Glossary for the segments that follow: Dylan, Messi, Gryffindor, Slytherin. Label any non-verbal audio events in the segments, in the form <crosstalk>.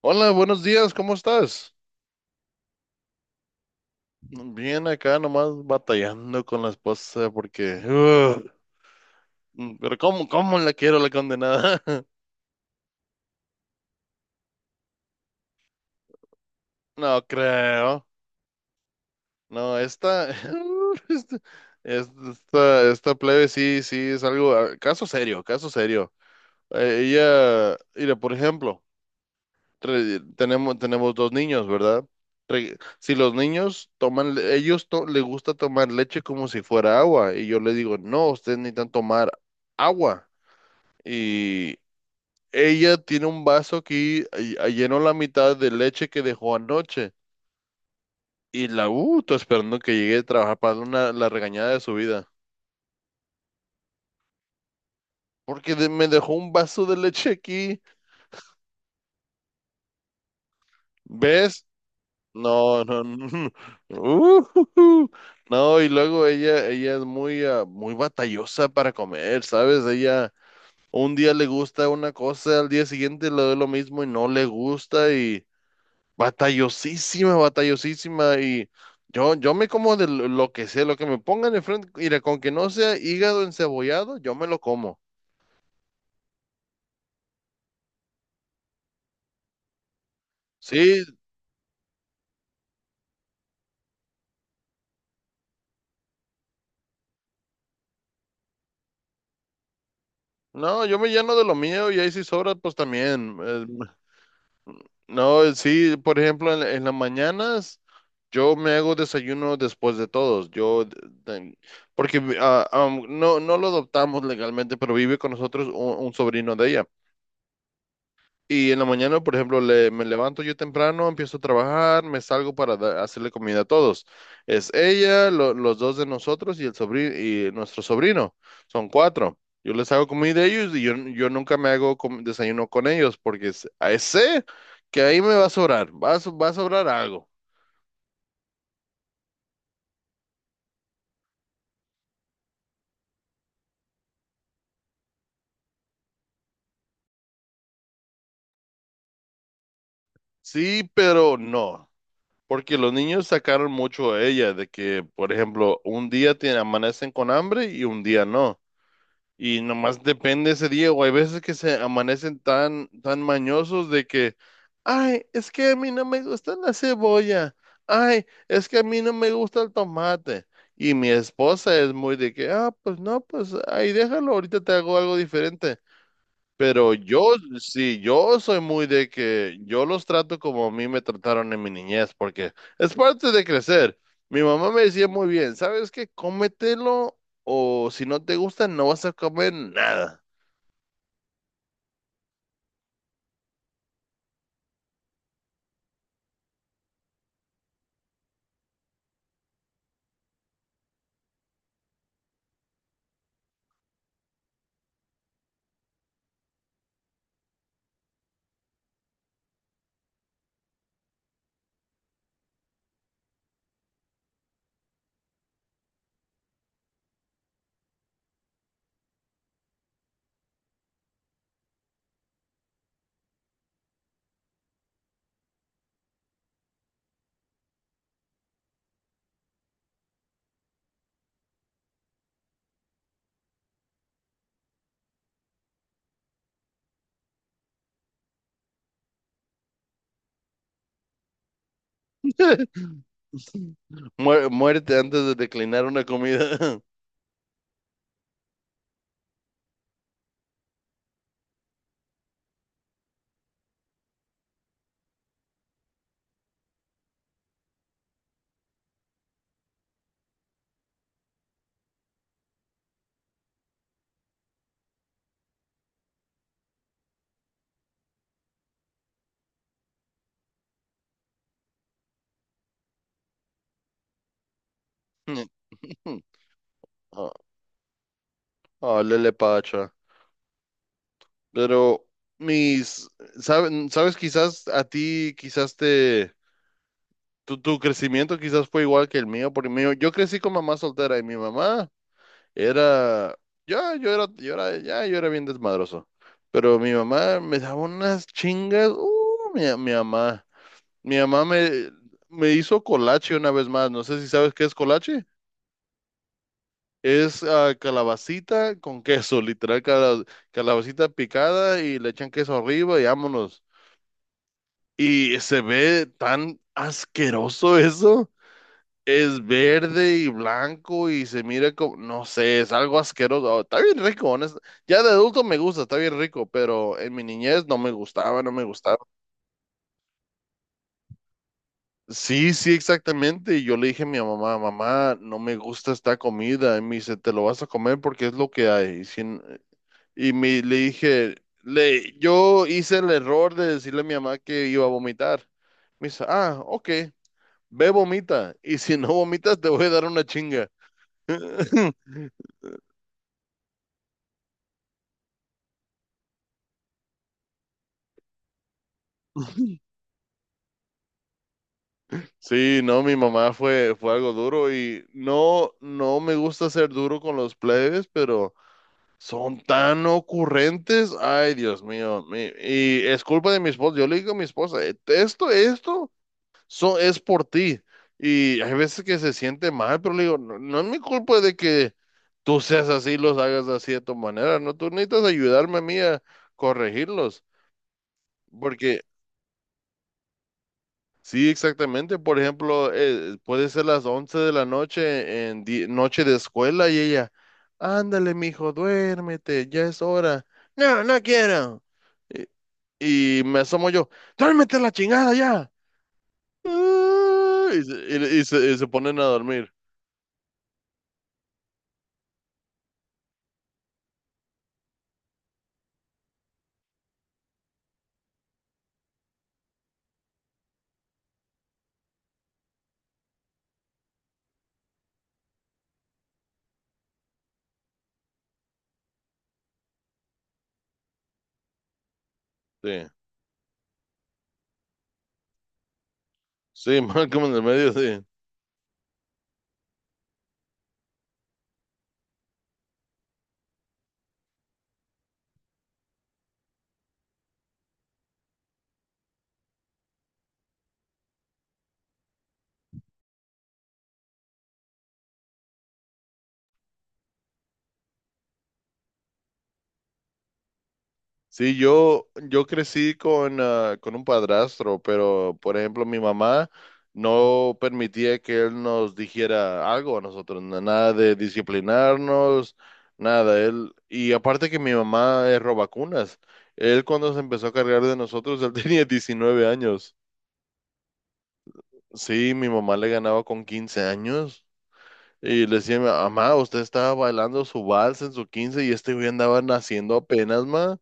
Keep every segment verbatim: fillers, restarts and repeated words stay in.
Hola, buenos días, ¿cómo estás? Bien acá nomás batallando con la esposa porque... ugh, mm, pero ¿cómo, cómo la quiero la condenada? <laughs> No creo. No, esta... <laughs> Esta, esta, esta plebe sí, sí, es algo... ah, Caso serio, caso serio. Eh, ella... Mira, por ejemplo. Re- tenemos, tenemos dos niños, ¿verdad? Re- si los niños toman, le- ellos to- les gusta tomar leche como si fuera agua, y yo le digo, no, ustedes necesitan tomar agua. Y ella tiene un vaso aquí, y- y llenó la mitad de leche que dejó anoche, y la, uh, estoy esperando que llegue a trabajar para darle una, la regañada de su vida, porque de- me dejó un vaso de leche aquí, ¿ves? No, no, no. <laughs> Ujujú. No, y luego ella, ella es muy, ah, muy batallosa para comer, ¿sabes? Ella un día le gusta una cosa, al día siguiente le doy lo mismo y no le gusta y batallosísima, batallosísima, y yo, yo me como de lo lo que sea, lo que me pongan enfrente, mira, con que no sea hígado encebollado, yo me lo como. Sí, no, yo me lleno de lo mío y ahí si sobra, pues también. eh, No, eh, sí, por ejemplo, en, en las mañanas yo me hago desayuno después de todos. Yo, de- de- Porque ah, am, no, no lo adoptamos legalmente, pero vive con nosotros un, un sobrino de ella. Y en la mañana, por ejemplo, le- me levanto yo temprano, empiezo a trabajar, me salgo para da- hacerle comida a todos. Es ella, lo- los dos de nosotros y el sobrino y nuestro sobrino. Son cuatro. Yo les hago comida a ellos y yo, yo nunca me hago com- desayuno con ellos porque s- ahí sé que ahí me va a sobrar, va a, so- va a sobrar algo. Sí, pero no. Porque los niños sacaron mucho a ella de que, por ejemplo, un día tiene, amanecen con hambre y un día no. Y nomás depende ese día, o hay veces que se amanecen tan, tan mañosos de que, ay, es que a mí no me gusta la cebolla, ay, es que a mí no me gusta el tomate. Y mi esposa es muy de que, ah, pues no, pues ahí déjalo, ahorita te hago algo diferente. Pero yo, sí, yo soy muy de que yo los trato como a mí me trataron en mi niñez, porque es parte de crecer. Mi mamá me decía muy bien, ¿sabes qué? Cómetelo, o si no te gusta no vas a comer nada. <laughs> Mué- muérete antes de declinar una comida. <laughs> Oh, oh, lele pacha. Pero mis, ¿saben- ¿sabes? Quizás a ti, quizás te, tu, tu crecimiento quizás fue igual que el mío, porque mío, yo crecí con mamá soltera y mi mamá. Era, ya, yo era, yo era, ya, yo era bien desmadroso. Pero mi mamá me daba unas chingas. Uh, mi, mi mamá. Mi mamá me, me hizo colache una vez más. No sé si sabes qué es colache. Es ah, calabacita con queso, literal, cala- calabacita picada y le echan queso arriba y vámonos. Y se ve tan asqueroso eso. Es verde y blanco y se mira como, no sé, es algo asqueroso. Está bien rico, honesto. Ya de adulto me gusta, está bien rico, pero en mi niñez no me gustaba, no me gustaba. Sí, sí, exactamente. Y yo le dije a mi mamá, mamá, no me gusta esta comida. Y me dice, te lo vas a comer porque es lo que hay. Y, sin- y me, le dije, le, yo hice el error de decirle a mi mamá que iba a vomitar. Me dice, ah, ok, ve, vomita. Y si no vomitas, te voy a dar una chinga. <laughs> Sí, no, mi mamá fue, fue algo duro y no, no me gusta ser duro con los plebes, pero son tan ocurrentes. Ay, Dios mío. Mi- y es culpa de mi esposa. Yo le digo a mi esposa, "E- esto, esto so- es por ti. Y hay veces que se siente mal, pero le digo, no, no es mi culpa de que tú seas así, los hagas así de tu manera. No, tú necesitas ayudarme a mí a corregirlos. Sí, exactamente. Por ejemplo, eh, puede ser las once de la noche en di- noche de escuela y ella, ándale, mijo, duérmete, ya es hora. No, no quiero. Y, y me asomo yo, duérmete la chingada ya. Ah, Y, se, y- y se- y se ponen a dormir. Sí, sí, <laughs> más como en el medio, sí. Sí, yo, yo crecí con, ah, con un padrastro, pero por ejemplo mi mamá no permitía que él nos dijera algo a nosotros, na- nada de disciplinarnos, nada. Él, y aparte que mi mamá es robacunas, él cuando se empezó a cargar de nosotros, él <laughs> tenía diecinueve años. Sí, mi mamá le ganaba con quince años y le decía, mamá, usted estaba bailando su vals en su quince y este güey andaba naciendo apenas, ma.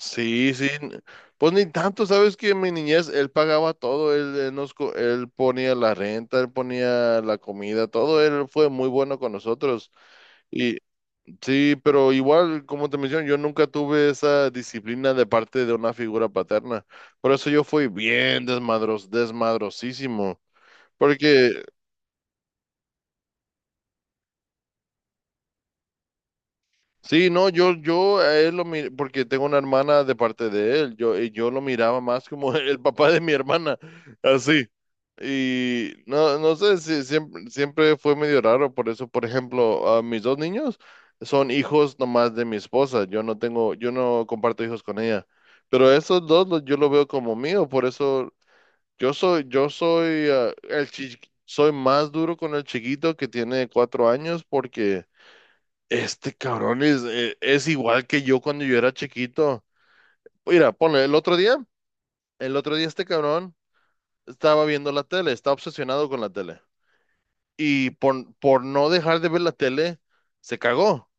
Sí, sí. n- Pues ni tanto, sabes que en mi niñez él pagaba todo, él, él nos, co- él ponía la renta, él ponía la comida, todo, él fue muy bueno con nosotros. Y sí, pero igual, como te menciono, yo nunca tuve esa disciplina de parte de una figura paterna. Por eso yo fui bien desmadros, desmadrosísimo. Porque sí, no, yo, yo a él lo miré, porque tengo una hermana de parte de él, yo, y yo lo miraba más como <laughs> el papá de mi hermana, así. Y no, no sé, si siempre, siempre fue medio raro, por eso, por ejemplo, a mis dos niños son hijos nomás de mi esposa, yo no tengo, yo no comparto hijos con ella, pero esos dos los- yo lo veo como mío, por eso yo soy, yo soy, ah, el chi- soy más duro con el chiquito que tiene cuatro años, porque... Este cabrón es, eh, es igual que yo cuando yo era chiquito. Mira, ponle, el otro día, el otro día este cabrón estaba viendo la tele, está obsesionado con la tele. Y por, por no dejar de ver la tele, se cagó.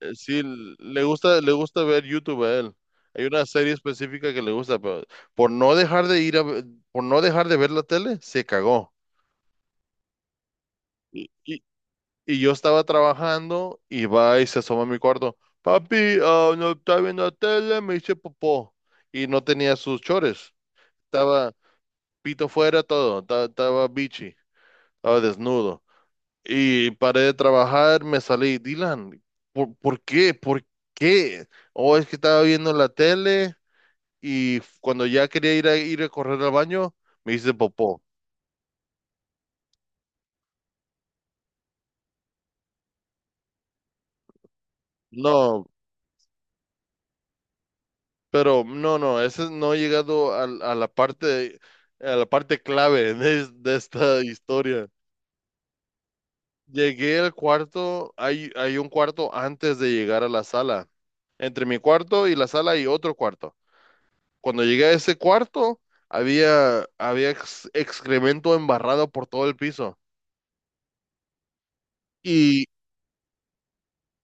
Eh, Sí, le gusta, le gusta ver YouTube a él. Hay una serie específica que le gusta, pero por no dejar de ir a, ve- por no dejar de ver la tele, se cagó. Y, y, Y yo estaba trabajando y va y se asoma a mi cuarto. Papi, ah, no está viendo la tele, me hice popó. Y no tenía sus chores. Estaba pito fuera todo. ta- Estaba bichi. Estaba desnudo. Y paré de trabajar, me salí. Dylan, ¿por, ¿por qué? ¿Por qué? Oh, es que estaba viendo la tele y cuando ya quería ir a, ir a correr al baño, me hice popó. No, pero no, no, ese no ha llegado al- a, la parte, a la parte clave de, es- de esta historia. Llegué al cuarto, hay, hay un cuarto antes de llegar a la sala. Entre mi cuarto y la sala hay otro cuarto. Cuando llegué a ese cuarto, había, había ex- excremento embarrado por todo el piso. Y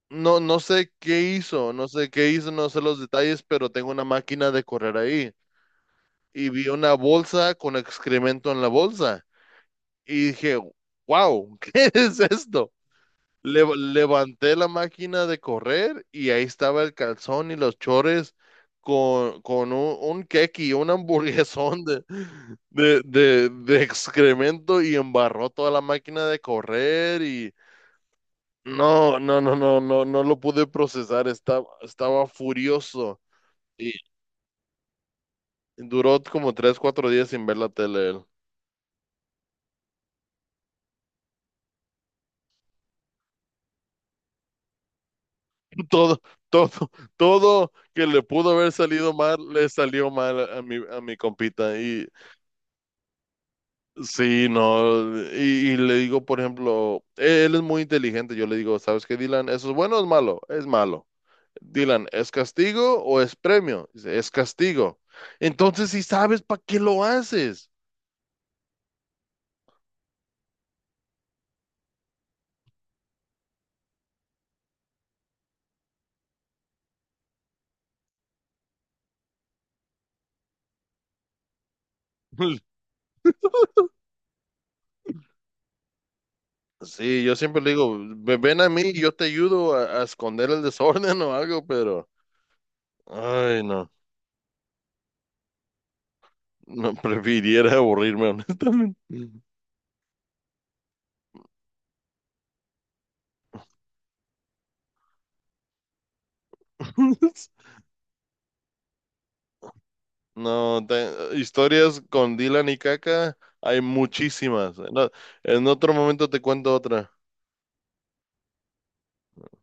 no, no sé qué hizo, no sé qué hizo, no sé los detalles, pero tengo una máquina de correr ahí. Y vi una bolsa con excremento en la bolsa. Y dije, wow, <laughs> ¿qué es esto? Le- levanté la máquina de correr y ahí estaba el calzón y los chores con, con un, un keki, un hamburguesón de, de, de, de excremento, y embarró toda la máquina de correr y no, no, no, no, no, no lo pude procesar, estaba, estaba furioso y duró como tres, cuatro días sin ver la tele. Él. <laughs> Todo, todo, todo que le pudo haber salido mal, le salió mal a mi, a mi compita. Y sí, no, y, y le digo, por ejemplo, e, él es muy inteligente. Yo le digo, ¿sabes qué, Dylan? ¿Eso es bueno o es malo? Es malo. Dylan, ¿es castigo o es premio? Dice, es castigo. Entonces, si sabes, ¿para qué lo haces? <laughs> Sí, yo siempre le digo, "Ve- ven a mí y yo te ayudo a, a esconder el desorden <laughs> o algo, pero, ay, no. No, <laughs> prefiriera aburrirme, honestamente. <laughs> No, te- historias con Dylan y Caca hay muchísimas. No, en otro momento te cuento otra.